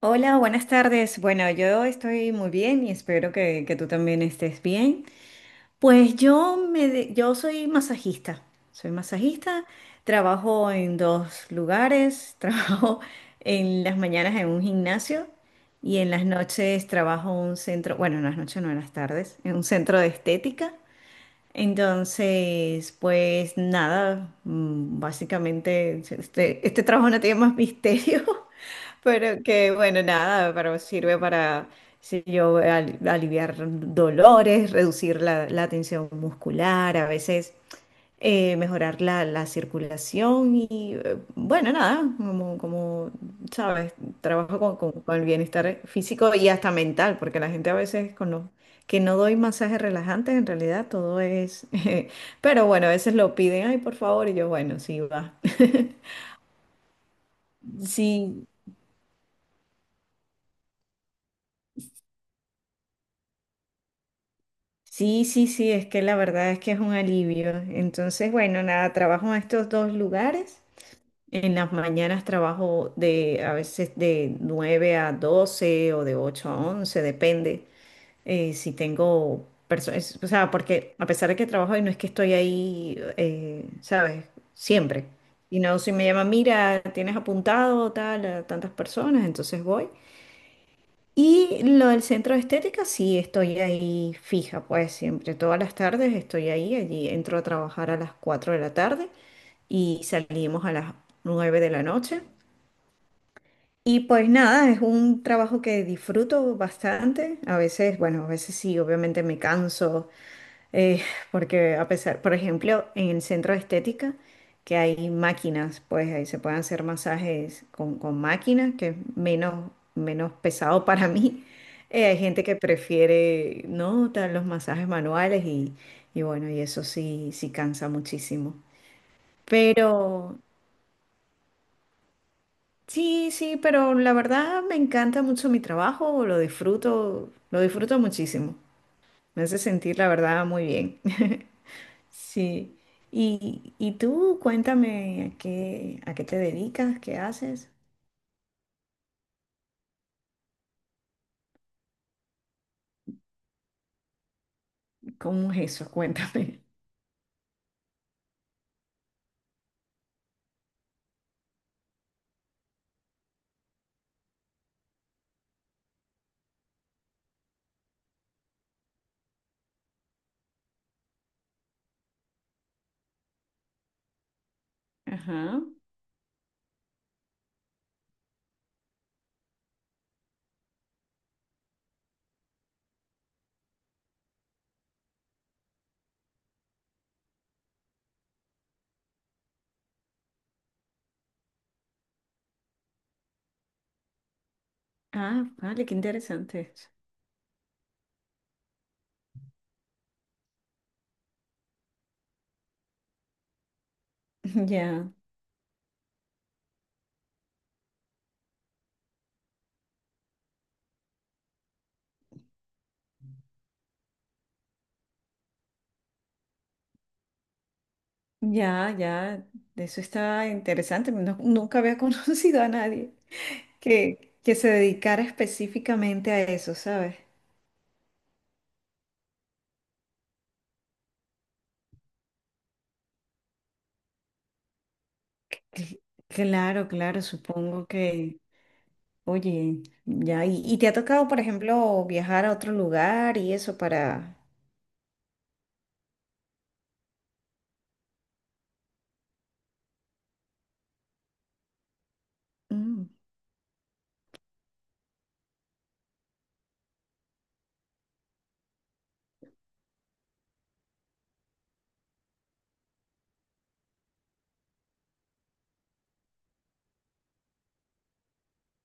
Hola, buenas tardes. Bueno, yo estoy muy bien y espero que tú también estés bien. Pues yo soy masajista. Soy masajista, trabajo en dos lugares, trabajo en las mañanas en un gimnasio y en las noches trabajo en un centro, bueno, en las noches no, en las tardes, en un centro de estética. Entonces, pues nada, básicamente este trabajo no tiene más misterio. Pero que bueno, nada, pero sirve para, si yo, aliviar dolores, reducir la tensión muscular, a veces mejorar la circulación y bueno, nada, como sabes, trabajo con el bienestar físico y hasta mental, porque la gente a veces con los que no doy masajes relajantes, en realidad todo es, pero bueno, a veces lo piden, ay, por favor, y yo, bueno, sí, va. Sí, sí, sí, sí, es que la verdad es que es un alivio. Entonces, bueno, nada, trabajo en estos dos lugares. En las mañanas trabajo de a veces de 9 a 12 o de 8 a 11, depende si tengo personas, o sea, porque a pesar de que trabajo y no es que estoy ahí, ¿sabes? Siempre. Y no, si me llaman, mira, tienes apuntado tal a tantas personas, entonces voy. Y lo del centro de estética, sí, estoy ahí fija, pues siempre, todas las tardes estoy ahí, allí entro a trabajar a las 4 de la tarde y salimos a las 9 de la noche. Y pues nada, es un trabajo que disfruto bastante. A veces, bueno, a veces sí, obviamente me canso, eh, porque a pesar, por ejemplo, en el centro de estética, que hay máquinas, pues ahí se pueden hacer masajes con máquinas, que es menos, menos pesado para mí. Hay gente que prefiere, ¿no? Tal, los masajes manuales y bueno, y eso sí, sí cansa muchísimo. Pero sí, sí, pero la verdad me encanta mucho mi trabajo, lo disfruto muchísimo. Me hace sentir la verdad muy bien. Sí. Y tú, cuéntame a qué te dedicas, qué haces, cómo es eso. Cuéntame. Ajá. Ah, vale, qué interesante. Ya, ya, ya. Eso está interesante. Nunca había conocido a nadie que se dedicara específicamente a eso, ¿sabes? Cl- Claro, claro, supongo que, oye, ya, y te ha tocado, por ejemplo, viajar a otro lugar y eso para. Mm,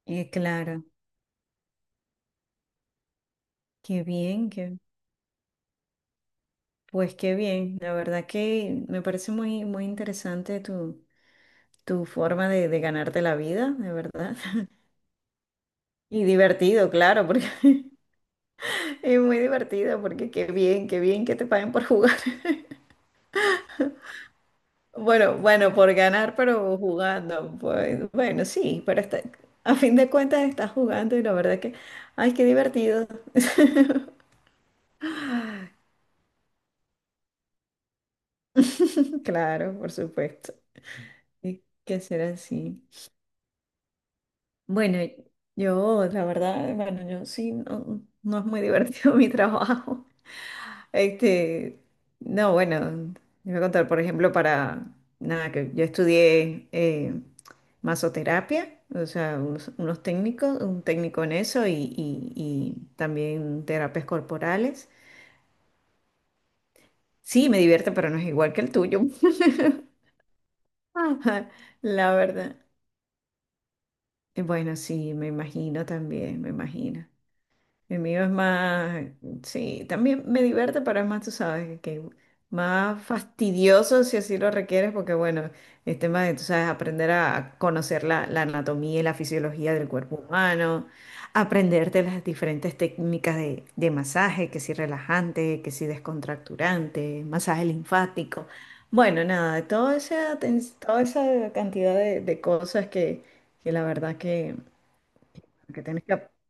claro, qué bien, pues qué bien, la verdad que me parece muy, muy interesante tu forma de ganarte la vida, de verdad. Y divertido, claro, porque es muy divertido, porque qué bien que te paguen por jugar. Bueno, bueno, por ganar, pero jugando, pues bueno, sí, pero está, a fin de cuentas estás jugando y la verdad que, ay, qué divertido. Claro, por supuesto, y que ser así. Bueno, yo, la verdad, bueno, yo sí, no, no es muy divertido mi trabajo. Este, no, bueno, les voy a contar, por ejemplo, para, nada, que yo estudié masoterapia, o sea, unos técnicos, un técnico en eso y también terapias corporales. Sí, me divierte, pero no es igual que el tuyo. La verdad. Y bueno, sí, me imagino también, me imagino. El mío es más, sí, también me divierte, pero es más, tú sabes, que más fastidioso si así lo requieres, porque bueno, el tema de, tú sabes, aprender a conocer la anatomía y la fisiología del cuerpo humano, aprenderte las diferentes técnicas de masaje, que si relajante, que si descontracturante, masaje linfático. Bueno, nada, toda esa cantidad de cosas que la verdad que tienes que aprender.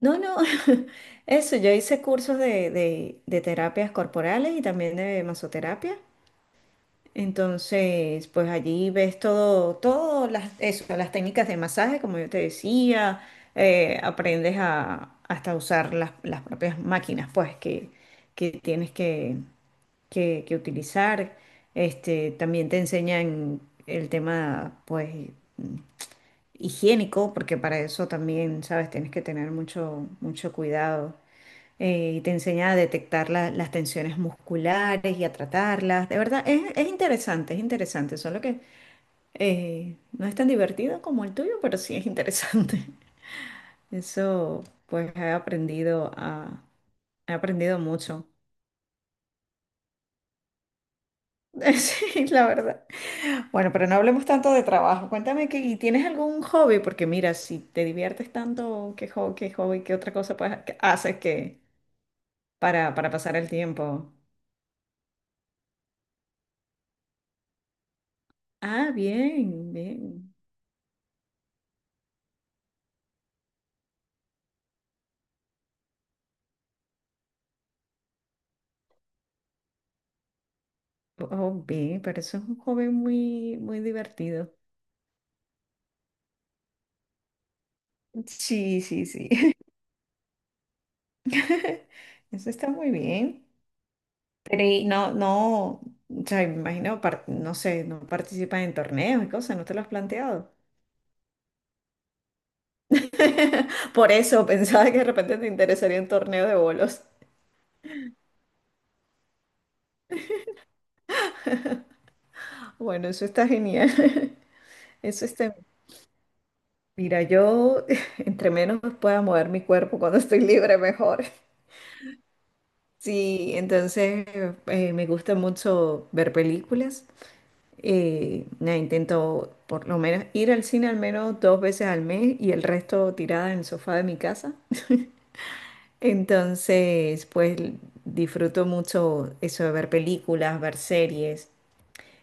No, no, eso, yo hice cursos de terapias corporales y también de masoterapia. Entonces, pues allí ves todo las, eso, las técnicas de masaje, como yo te decía, aprendes a hasta usar las propias máquinas, pues, que tienes que utilizar. Este, también te enseñan el tema, pues, higiénico, porque para eso también, sabes, tienes que tener mucho, mucho cuidado. Y te enseña a detectar las tensiones musculares y a tratarlas. De verdad, es interesante, es interesante, solo que no es tan divertido como el tuyo, pero sí es interesante. Eso, pues he aprendido mucho. Sí, la verdad. Bueno, pero no hablemos tanto de trabajo. Cuéntame, que ¿y tienes algún hobby? Porque mira, si te diviertes tanto, ¿qué hobby, qué otra cosa, pues, que haces para pasar el tiempo? Ah, bien, bien. Oh, bien, pero eso es un hobby muy, muy divertido. Sí, sí, sí. Eso está muy bien. Pero y no, no, o sea, imagino, no sé, no participas en torneos y cosas, ¿no te lo has planteado? Por eso pensaba que de repente te interesaría un torneo de bolos. Bueno, eso está genial. Eso está. Mira, yo entre menos pueda mover mi cuerpo cuando estoy libre, mejor. Sí, entonces me gusta mucho ver películas. Nada, intento por lo menos ir al cine al menos dos veces al mes y el resto tirada en el sofá de mi casa. Entonces, pues disfruto mucho eso de ver películas, ver series.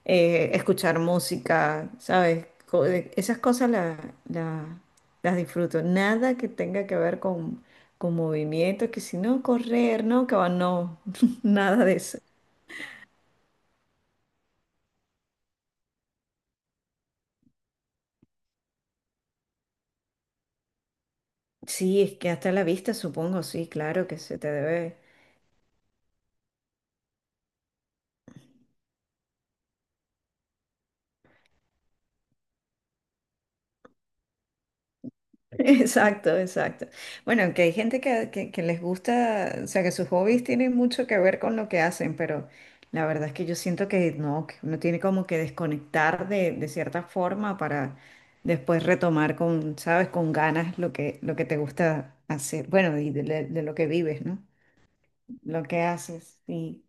Escuchar música, ¿sabes? Esas cosas las disfruto. Nada que tenga que ver con movimientos, que si no, correr, no, que va, no, nada de eso. Sí, es que hasta la vista, supongo, sí, claro que se te debe. Exacto, exacto. Bueno, aunque hay gente que les gusta, o sea, que sus hobbies tienen mucho que ver con lo que hacen, pero la verdad es que yo siento que no, que uno tiene como que desconectar de cierta forma para después retomar con, sabes, con ganas lo que te gusta hacer, bueno, y de lo que vives, ¿no? Lo que haces, sí.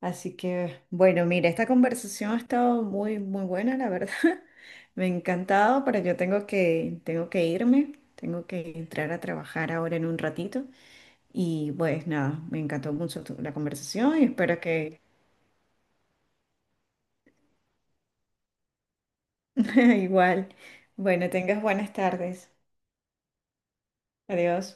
Así que, bueno, mira, esta conversación ha estado muy, muy buena, la verdad. Me ha encantado, pero yo tengo que irme, tengo que entrar a trabajar ahora en un ratito. Y pues nada, me encantó mucho la conversación y espero que igual, bueno, tengas buenas tardes. Adiós.